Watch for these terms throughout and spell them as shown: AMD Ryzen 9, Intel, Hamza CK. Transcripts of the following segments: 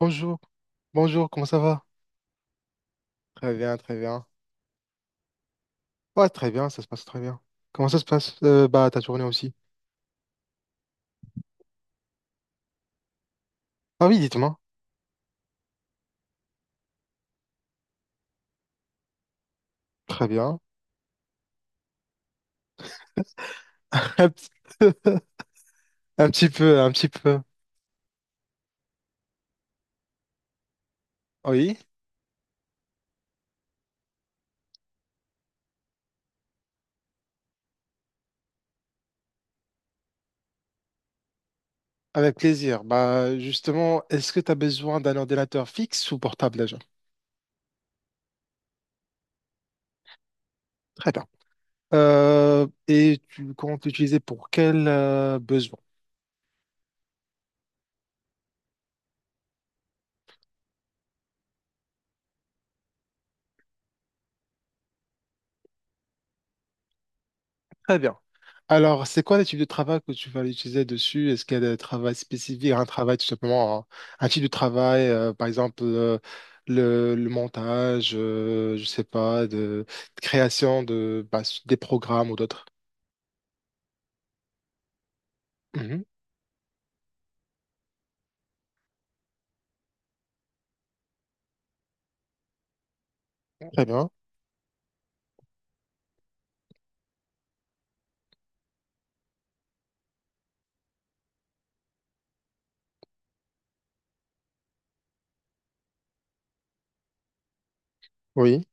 Bonjour, bonjour, comment ça va? Très bien, très bien. Ouais, très bien, ça se passe très bien. Comment ça se passe, bah, ta journée aussi? Ah oui, dites-moi. Très bien. Un petit peu, un petit peu, un petit peu. Oui, avec plaisir. Bah, justement, est-ce que tu as besoin d'un ordinateur fixe ou portable déjà? Très bien. Et tu comptes l'utiliser pour quel besoin? Très bien. Alors, c'est quoi le type de travail que tu vas utiliser dessus? Est-ce qu'il y a des travaux spécifiques, un travail tout simplement, hein, type de travail, par exemple le montage, je sais pas, de création de bah, des programmes ou d'autres. Mhm. Très bien, oui.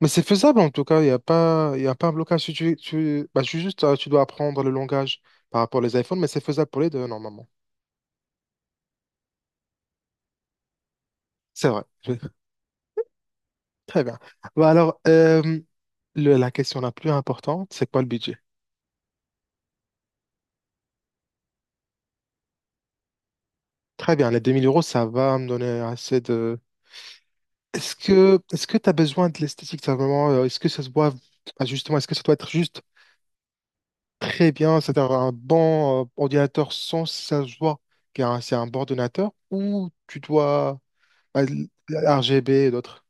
Mais c'est faisable en tout cas, il y a pas un blocage. Tu dois apprendre le langage par rapport aux iPhones, mais c'est faisable pour les deux normalement. C'est vrai. Très bien. Bah, alors, la question la plus importante, c'est quoi le budget? Très bien, les 2000 euros, ça va me donner assez de. Est-ce que tu as besoin de l'esthétique, ça, vraiment, est-ce que ça se voit? Ah, justement, est-ce que ça doit être juste très bien, c'est-à-dire un bon ordinateur sans que ça se voit que, hein, c'est un bon ordinateur, ou tu dois bah, RGB et d'autres.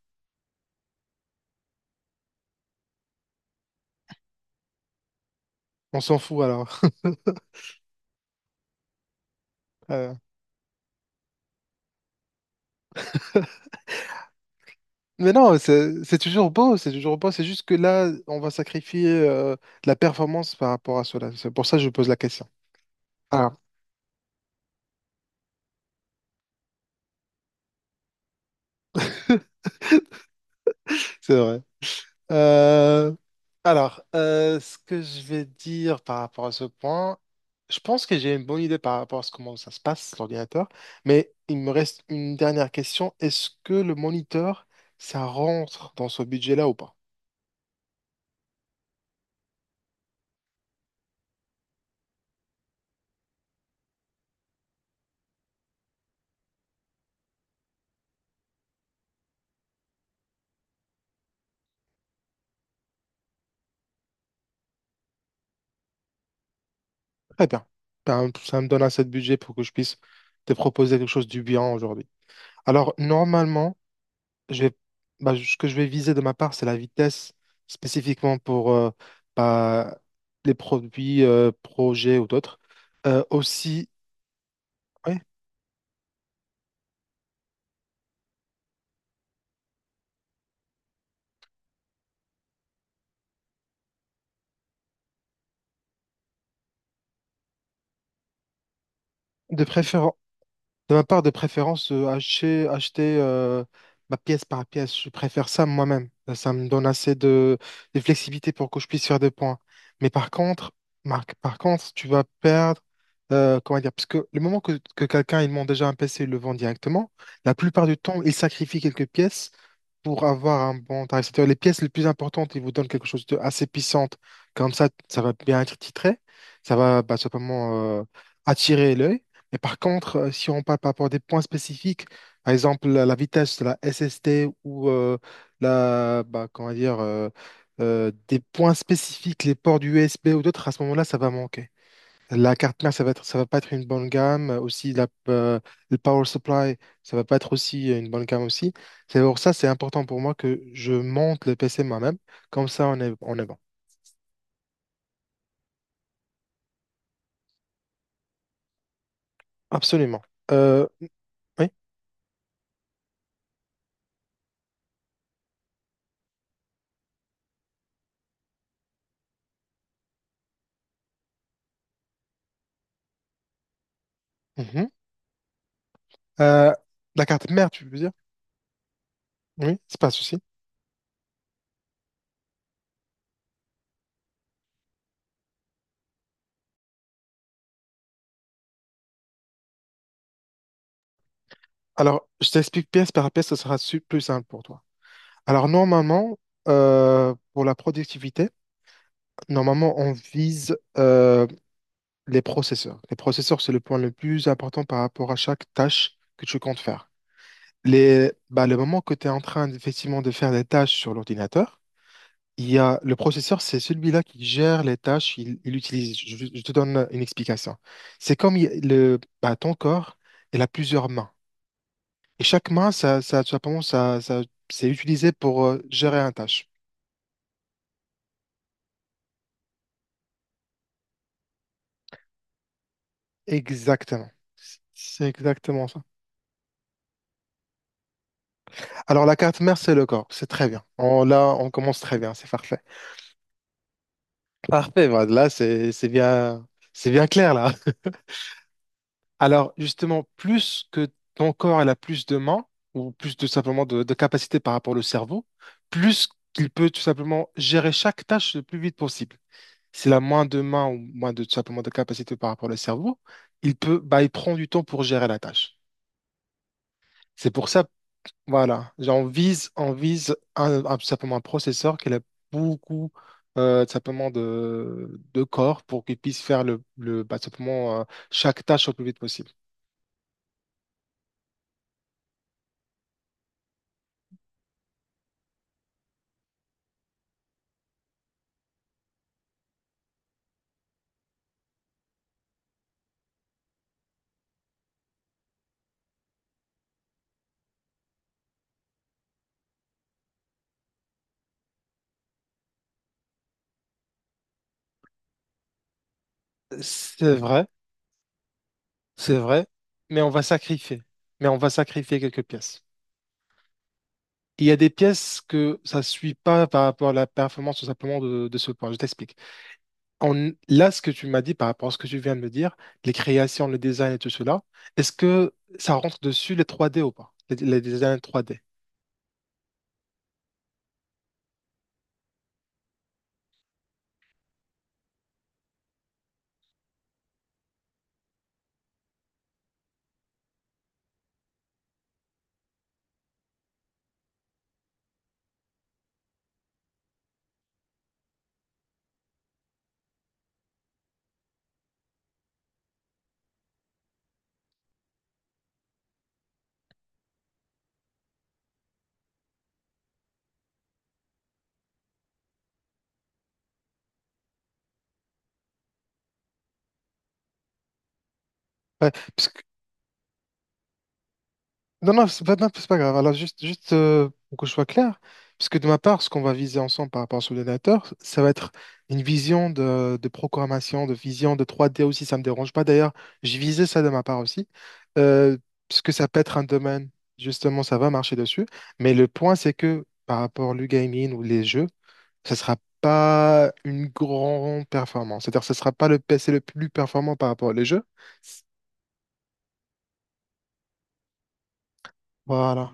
On s'en fout alors. Euh, Mais non, c'est toujours beau, c'est toujours beau, c'est juste que là, on va sacrifier de la performance par rapport à cela. C'est pour ça que je pose la question. Ah, c'est vrai. Euh, alors, ce que je vais dire par rapport à ce point, je pense que j'ai une bonne idée par rapport à comment ça se passe, l'ordinateur, mais il me reste une dernière question. Est-ce que le moniteur, ça rentre dans ce budget-là ou pas? Très bien. Ben, ça me donne assez de budget pour que je puisse te proposer quelque chose du bien aujourd'hui. Alors, normalement, je vais, bah, ce que je vais viser de ma part, c'est la vitesse, spécifiquement pour bah, projets ou d'autres. Aussi, ouais, de préférence. De ma part, de préférence, acheter ma pièce par pièce. Je préfère ça moi-même. Ça me donne assez de flexibilité pour que je puisse faire des points. Mais par contre, Marc, par contre, tu vas perdre, comment dire, parce que le moment que quelqu'un il monte déjà un PC et le vend directement, la plupart du temps, il sacrifie quelques pièces pour avoir un bon tarif. C'est-à-dire les pièces les plus importantes, ils vous donnent quelque chose de assez puissante. Comme ça va bien être titré. Ça va bah, simplement euh, attirer l'œil. Et par contre, si on parle par rapport à des points spécifiques, par exemple la vitesse de la SST ou bah, comment dire, des points spécifiques, les ports du USB ou d'autres, à ce moment-là, ça va manquer. La carte mère, ça va pas être une bonne gamme. Aussi, le power supply, ça va pas être aussi une bonne gamme aussi. C'est pour ça, c'est important pour moi que je monte le PC moi-même. Comme ça, on est bon. Absolument. Euh, Oui, mhm. Euh, la carte mère, tu veux dire? Oui, c'est pas un souci. Alors, je t'explique pièce par pièce, ce sera plus simple pour toi. Alors, normalement, pour la productivité, normalement, on vise les processeurs. Les processeurs, c'est le point le plus important par rapport à chaque tâche que tu comptes faire. Le moment que tu es en train effectivement de faire des tâches sur l'ordinateur, le processeur, c'est celui-là qui gère les tâches, il utilise. Je te donne une explication. C'est comme bah, ton corps, il a plusieurs mains. Et chaque main, ça, pardon, ça- ça- c'est utilisé pour gérer une tâche. Exactement. C'est exactement ça. Alors la carte mère, c'est le corps. C'est très bien. On, là, on commence très bien. C'est parfait. Parfait, bah, là c'est bien, c'est bien clair là. Alors justement, plus que ton corps elle a plus de mains ou plus tout simplement de capacité par rapport au cerveau, plus qu'il peut tout simplement gérer chaque tâche le plus vite possible. S'il a moins de mains ou moins de tout simplement de capacité par rapport au cerveau, il prend du temps pour gérer la tâche. C'est pour ça. Voilà, genre, on vise tout simplement un processeur qui a beaucoup tout simplement de corps pour qu'il puisse faire tout simplement chaque tâche au plus vite possible. C'est vrai, c'est vrai, mais on va sacrifier, on va sacrifier quelques pièces. Il y a des pièces que ça ne suit pas par rapport à la performance tout simplement de ce point. Je t'explique. Là, ce que tu m'as dit par rapport à ce que tu viens de me dire, les créations, le design et tout cela, est-ce que ça rentre dessus les trois d ou pas? Les designs trois d. Ouais, parce non, non, c'est pas, non, c'est pas grave. Alors, juste, pour que je sois clair, parce que de ma part, ce qu'on va viser ensemble par rapport à ce donateur, ça va être une vision de programmation, de vision de 3D aussi. Ça me dérange pas d'ailleurs. Je visais ça de ma part aussi, euh, parce que ça peut être un domaine, justement, ça va marcher dessus. Mais le point, c'est que par rapport au gaming ou les jeux, ça sera pas une grande performance. C'est-à-dire, ce sera pas le PC le plus performant par rapport aux jeux. Voilà.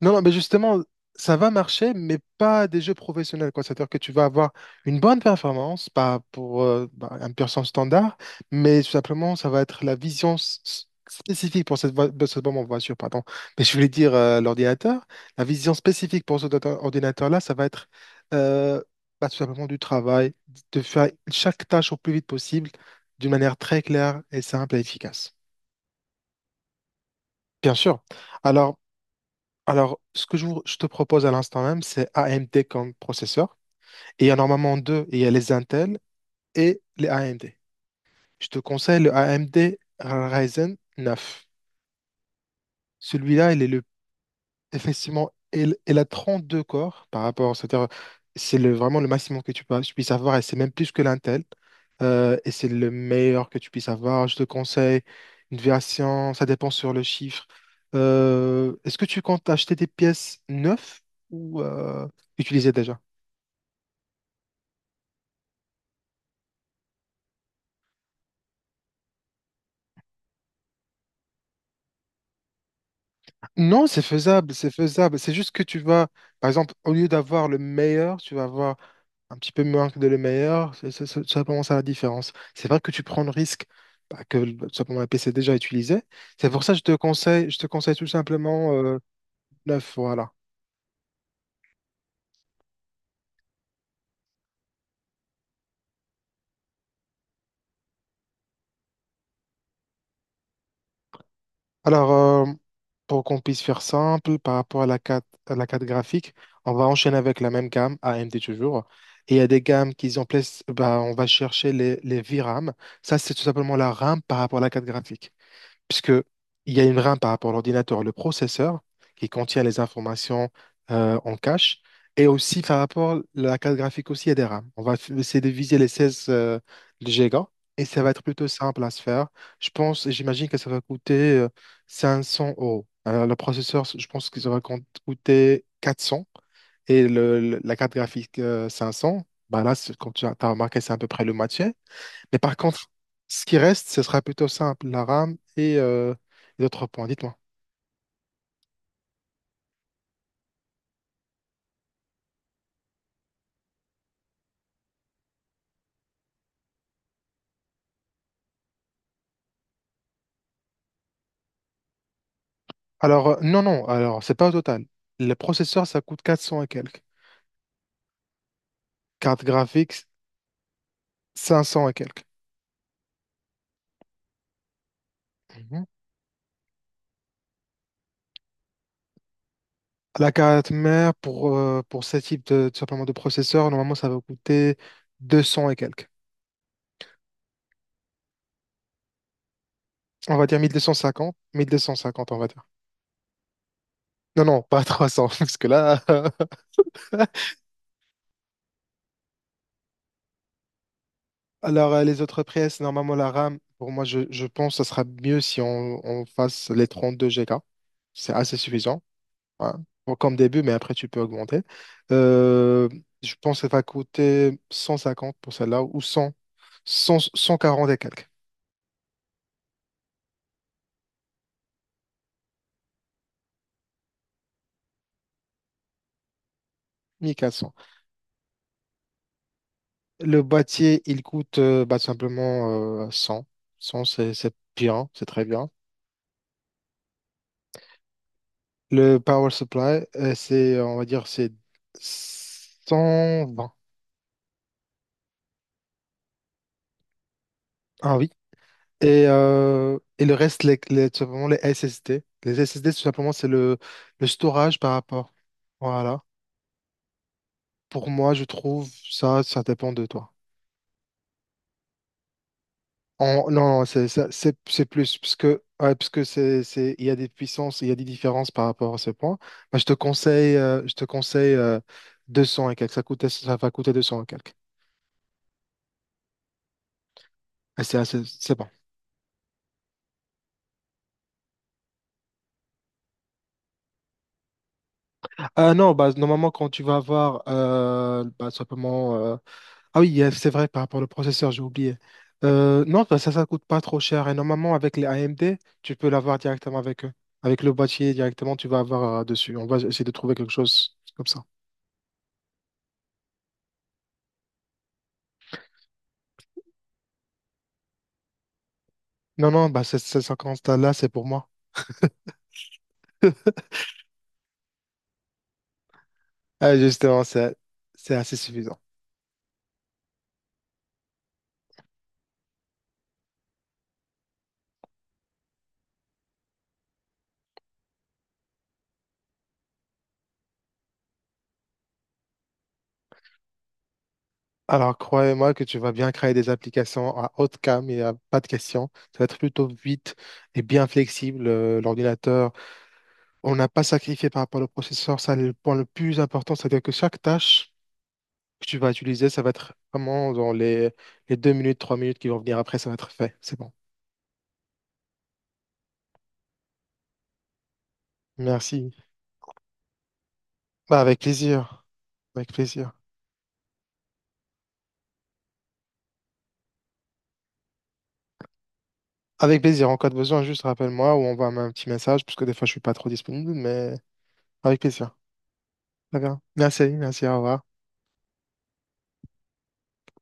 Non, non, mais justement, ça va marcher, mais pas des jeux professionnels, quoi. C'est-à-dire que tu vas avoir une bonne performance, pas pour bah, un percent standard, mais tout simplement, ça va être la vision spécifique pour de cette bombe voiture, pardon. Mais je voulais dire l'ordinateur, la vision spécifique pour cet ordinateur-là, ça va être euh, bah, tout simplement du travail, de faire chaque tâche au plus vite possible, d'une manière très claire et simple et efficace. Bien sûr. Alors, alors, ce que je te propose à l'instant même, c'est AMD comme processeur. Et il y en a normalement deux, il y a les Intel et les AMD. Je te conseille le AMD Ryzen 9. Celui-là, il est le. Effectivement, elle a deux corps par rapport, c'est-à-dire, vraiment le maximum que tu puisses avoir et c'est même plus que l'Intel. Et c'est le meilleur que tu puisses avoir. Je te conseille une version, ça dépend sur le chiffre. Est-ce que tu comptes acheter des pièces neuves ou utilisées déjà? Non, c'est faisable, c'est faisable. C'est juste que tu vas, par exemple, au lieu d'avoir le meilleur, tu vas avoir un petit peu moins que de le meilleur, c'est vraiment ça commence à la différence. C'est vrai que tu prends le risque bah, que tout simplement un PC déjà utilisé. C'est pour ça que je te conseille tout simplement neuf, voilà. Alors, pour qu'on puisse faire simple par rapport à à la carte graphique, on va enchaîner avec la même gamme, AMD toujours. Et il y a des gammes qu'ils ont place, bah, on va chercher les VRAM. Ça, c'est tout simplement la RAM par rapport à la carte graphique. Puisque il y a une RAM par rapport à l'ordinateur, le processeur, qui contient les informations en cache, et aussi par rapport à la carte graphique aussi, il y a des RAM. On va essayer de viser les 16 gigas, et ça va être plutôt simple à se faire. Je pense, j'imagine que ça va coûter 500 euros. Alors, le processeur, je pense que ça va coûter 400 et la carte graphique 500. Bah là, comme tu as t'as remarqué, c'est à peu près le match. Mais par contre, ce qui reste, ce sera plutôt simple, la RAM et les autres points. Dites-moi. Alors, non, non, alors, c'est pas au total. Le processeur, ça coûte 400 et quelques. Carte graphique, 500 et quelques. Mhm. La carte mère, pour ce type de, tout simplement de processeur, normalement, ça va coûter 200 et quelques. On va dire 1250, 1250, on va dire. Non, non, pas 300, parce que là. Alors, les autres pièces, normalement, la RAM, pour moi, je pense que ce sera mieux si on fasse les 32 Go. C'est assez suffisant, hein, comme début, mais après, tu peux augmenter. Euh, je pense que ça va coûter 150 pour celle-là, ou 100, 100, 140 et quelques, 1400. Le boîtier, il coûte bah, simplement 100. 100, c'est bien, c'est très bien. Le power supply, c'est, on va dire, c'est 120. Ah oui. Et le reste, tout simplement les SSD. Les SSD, tout simplement, c'est le storage par rapport. Voilà. Pour moi, je trouve ça, ça dépend de toi. Non, non, c'est plus, parce que, ouais, parce que il y a des puissances, il y a des différences par rapport à ce point. Moi, je te conseille 200 et quelques. Ça va coûter 200 et quelques. Et c'est c'est bon. Non, bah, normalement, quand tu vas avoir bah, simplement Ah oui, c'est vrai par rapport au processeur, j'ai oublié. Non, bah, ça coûte pas trop cher. Et normalement, avec les AMD, tu peux l'avoir directement avec eux. Avec le boîtier, directement, tu vas avoir dessus. On va essayer de trouver quelque chose comme ça. Non, non, bah, ces 50 là, c'est pour moi. Ah, justement, c'est assez suffisant. Alors, croyez-moi que tu vas bien créer des applications à haute cam et à pas de question. Ça va être plutôt vite et bien flexible. L'ordinateur. On n'a pas sacrifié par rapport au processeur, ça c'est le point le plus important, c'est-à-dire que chaque tâche que tu vas utiliser, ça va être vraiment dans les 2 minutes, 3 minutes qui vont venir après, ça va être fait. C'est bon. Merci. Bah, avec plaisir. Avec plaisir. Avec plaisir. En cas de besoin, juste rappelle-moi ou envoie-moi un petit message, parce que des fois, je suis pas trop disponible, mais avec plaisir. D'accord bien. Merci, merci, au revoir.